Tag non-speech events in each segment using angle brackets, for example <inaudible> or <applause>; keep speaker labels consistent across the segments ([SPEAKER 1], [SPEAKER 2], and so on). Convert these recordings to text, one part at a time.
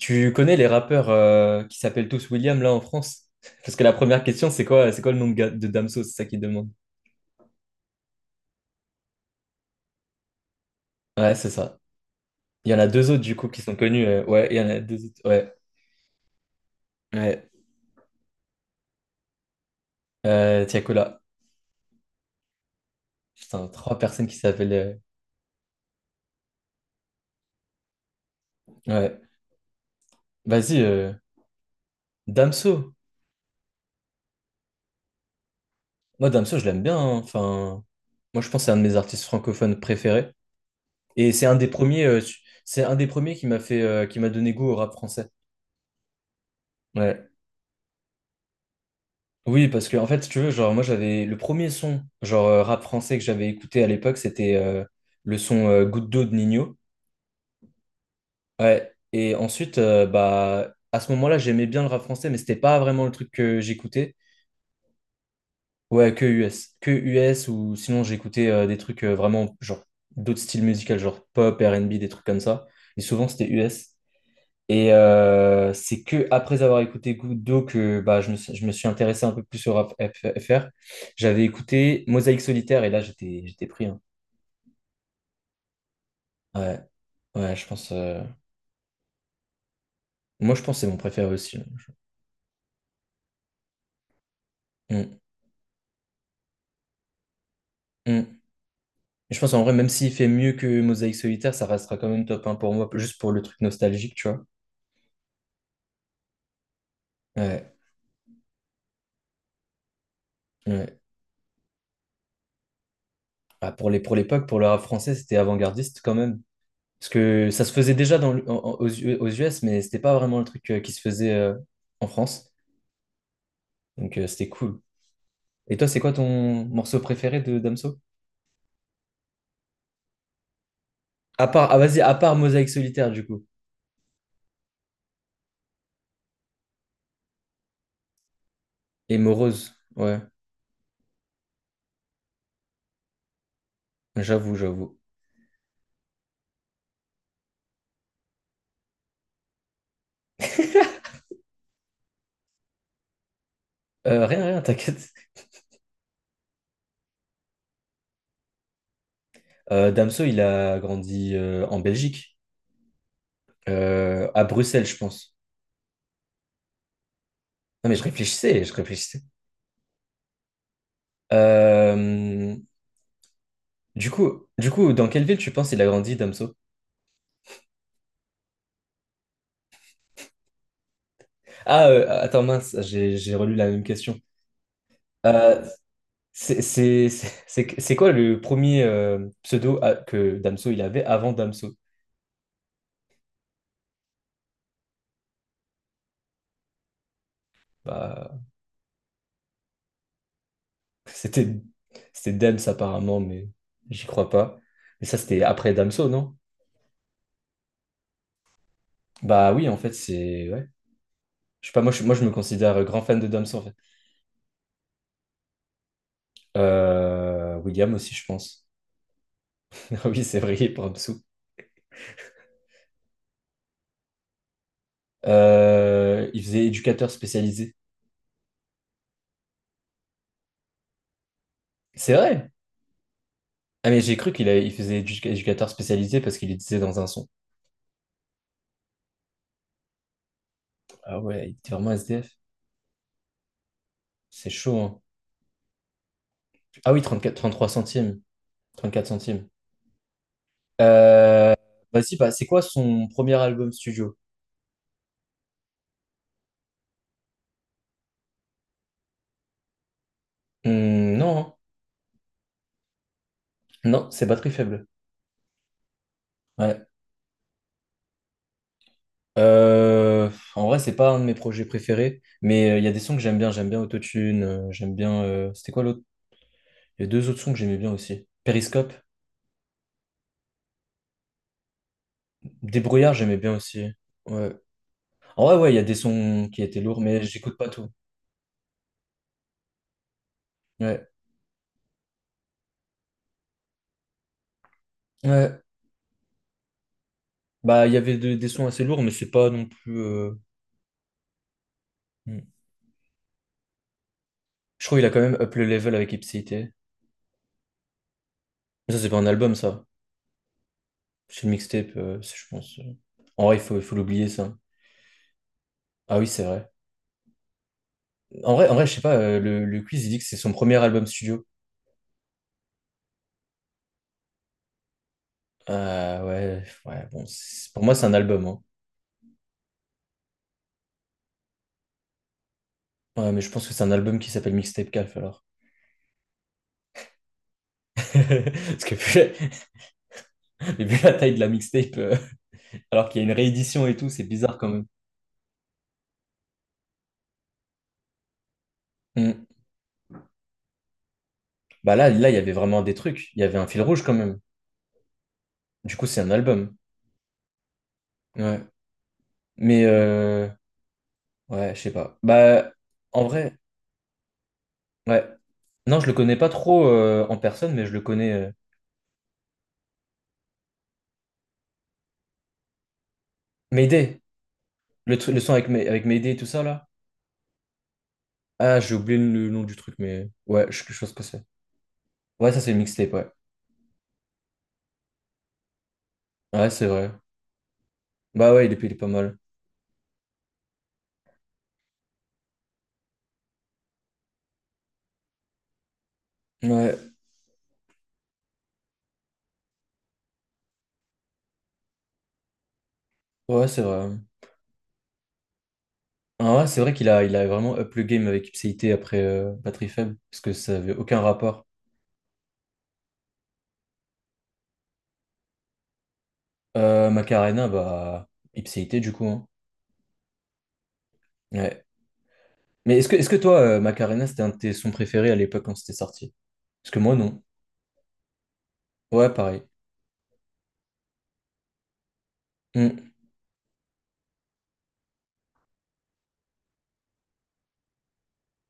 [SPEAKER 1] Tu connais les rappeurs qui s'appellent tous William là en France? Parce que la première question, c'est quoi le nom de Damso? C'est ça qu'ils demandent. Ouais, c'est ça. Il y en a deux autres du coup qui sont connus. Ouais, il y en a deux autres. Ouais, ouais. Tiakola. Putain, trois personnes qui s'appellent. Ouais. Vas-y, Damso. Moi, Damso, je l'aime bien, hein. Enfin, moi, je pense que c'est un de mes artistes francophones préférés. Et c'est un des premiers, qui m'a donné goût au rap français. Ouais. Oui, parce que en fait, si tu veux, genre moi j'avais le premier son, genre rap français que j'avais écouté à l'époque, c'était le son Goutte d'eau de Nino. Ouais. Et ensuite, bah à ce moment-là, j'aimais bien le rap français, mais c'était pas vraiment le truc que j'écoutais. Ouais, que US ou sinon j'écoutais des trucs vraiment genre d'autres styles musicaux, genre pop, R&B, des trucs comme ça. Et souvent c'était US. Et c'est que après avoir écouté Goutte d'eau que bah, je me suis intéressé un peu plus au rap FR. J'avais écouté Mosaïque Solitaire et là j'étais pris, hein. Ouais, ouais, je pense. Moi je pense que c'est mon préféré aussi, hein. Mm, mm. Je pense en vrai, même s'il fait mieux que Mosaïque Solitaire, ça restera quand même top 1 pour moi, juste pour le truc nostalgique, tu vois. Ouais, ouais. Ah, pour l'époque, pour le rap français, c'était avant-gardiste quand même. Parce que ça se faisait déjà dans, le- en- en- aux, U- aux US, mais c'était pas vraiment le truc qui se faisait en France. Donc c'était cool. Et toi, c'est quoi ton morceau préféré de Damso? À part, ah vas-y, à part Mosaïque solitaire du coup. Et Morose, ouais, j'avoue, j'avoue. Rien, rien, <laughs> t'inquiète. Damso, il a grandi en Belgique, à Bruxelles, je pense. Non mais je réfléchissais, je réfléchissais. Euh, du coup, dans quelle ville tu penses il a grandi, Damso? Ah, attends, mince, j'ai relu la même question. Euh, c'est quoi le premier pseudo que Damso il avait avant Damso? Bah, c'était c'était Dems apparemment, mais j'y crois pas. Mais ça, c'était après Damso, non? Bah oui, en fait, Ouais. Je sais pas, moi, je me considère grand fan de Damso, en fait. William aussi, je pense. <laughs> Ah oui, c'est vrai, il est pour Damso. Il faisait éducateur spécialisé. C'est vrai! Ah mais j'ai cru il faisait éducateur spécialisé parce qu'il le disait dans un son. Ah ouais, il était vraiment SDF. C'est chaud, hein. Ah oui, 34, 33 centimes. 34 centimes. Euh, Vas-y, bah, c'est quoi son premier album studio? Hmm, non, hein. Non, c'est Batterie faible. Ouais. Euh, En vrai, c'est pas un de mes projets préférés, mais il y a des sons que j'aime bien. J'aime bien Autotune, j'aime bien. C'était quoi l'autre? Il y a deux autres sons que j'aimais bien aussi. Périscope, Débrouillard, j'aimais bien aussi. Ouais. En vrai, ouais, il y a des sons qui étaient lourds, mais j'écoute pas tout. Ouais. Ouais. Bah, il y avait des sons assez lourds, mais c'est pas non plus. Hmm. Je trouve qu'il a quand même up le level avec Ipséité. Mais ça, c'est pas un album, ça. C'est une mixtape, je pense. En vrai, il faut l'oublier, ça. Ah oui, c'est vrai. En vrai, je sais pas, le quiz, il dit que c'est son premier album studio. Ouais, ouais, bon, pour moi, c'est un album, hein. Ouais, mais je pense que c'est un album qui s'appelle Mixtape Calf, alors. <laughs> Parce que vu la taille de la mixtape, <laughs> alors qu'il y a une réédition et tout, c'est bizarre quand même. Mm. Bah là, là, il y avait vraiment des trucs. Il y avait un fil rouge quand même. Du coup, c'est un album. Ouais. Mais, ouais, je sais pas. Bah, en vrai, ouais. Non, je le connais pas trop en personne, mais je le connais. Mayday, le son avec Mayday et tout ça, là. Ah, j'ai oublié le nom du truc, mais ouais, je sais ce que c'est. Ouais, ça c'est une mixtape, ouais. Ouais, c'est vrai. Bah ouais, il est pas mal. Ouais, ouais, c'est vrai. Ah ouais, c'est vrai qu'il a vraiment up le game avec Ipséité après Pas très Faible, parce que ça avait aucun rapport. Macarena, bah, Ipséité du coup, hein. Ouais. Mais est-ce que toi, Macarena, c'était un de tes sons préférés à l'époque quand c'était sorti? Parce que moi, non. Ouais, pareil. Hmm,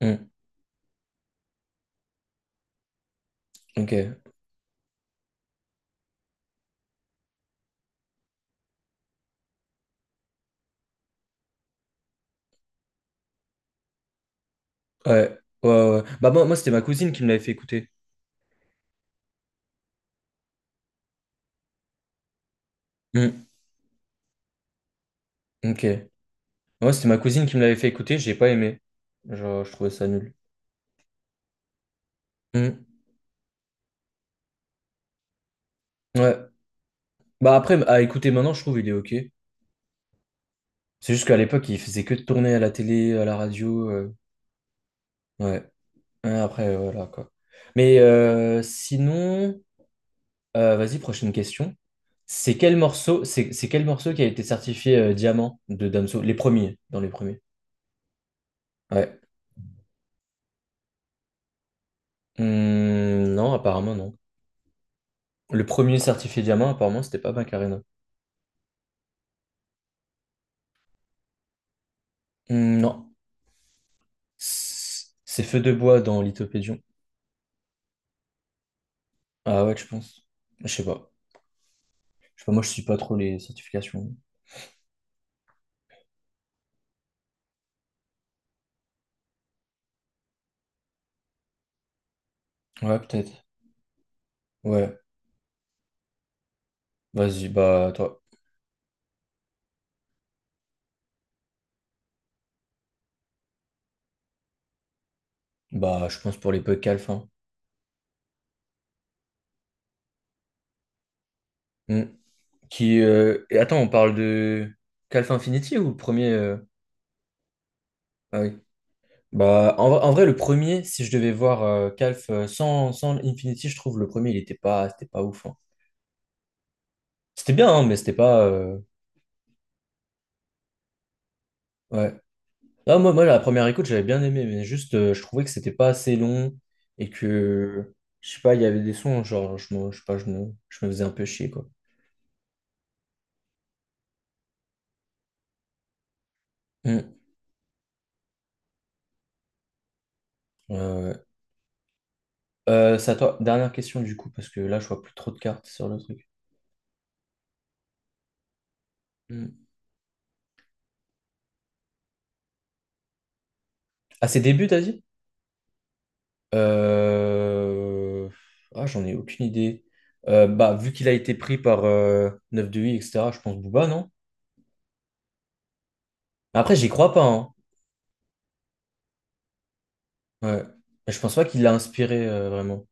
[SPEAKER 1] hmm, ok. Ouais, ouais, ouais. Bah, moi c'était ma cousine qui me l'avait fait écouter. Hmm, ok. Ouais, c'était ma cousine qui me l'avait fait écouter, j'ai pas aimé. Genre, je trouvais ça nul. Hmm. Ouais. Bah après, à écouter maintenant, je trouve il est ok. C'est juste qu'à l'époque, il faisait que de tourner à la télé, à la radio. Ouais. Ouais, après, voilà quoi. Mais sinon, vas-y, prochaine question. C'est quel morceau qui a été certifié diamant de Damso? Les premiers, dans les premiers. Ouais. Hmm, non, apparemment non. Le premier certifié diamant, apparemment, c'était pas Macarena. Hmm, non. C'est Feu de bois dans Lithopédion. Ah ouais, je pense. Je sais pas. Je sais pas, moi je suis pas trop les certifications. Ouais, peut-être. Ouais. Vas-y, bah toi. Bah je pense pour les peu calfins. Hmm. Qui Et attends, on parle de Calf Infinity ou le premier. Ah oui. Bah en vrai, le premier, si je devais voir Calf sans Infinity, je trouve le premier il était pas c'était pas ouf, hein. C'était bien, hein, mais c'était pas ouais. Ah, moi, la première écoute, j'avais bien aimé, mais juste, je trouvais que c'était pas assez long et que, je sais pas, il y avait des sons, genre, je sais pas, je me faisais un peu chier, quoi. Hmm. Euh, c'est à toi. Dernière question, du coup, parce que là, je vois plus trop de cartes sur le truc. Hmm. À ses débuts, t'as dit? Euh, Ah, j'en ai aucune idée. Bah, vu qu'il a été pris par 9 de 8, etc., je pense Booba, non? Après, j'y crois pas, hein. Ouais. Mais je pense pas qu'il l'a inspiré, vraiment.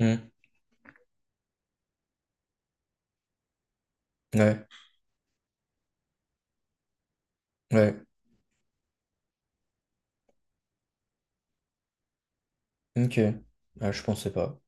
[SPEAKER 1] Hmm. Ouais. Ouais. Ok. Ah, je pensais pas.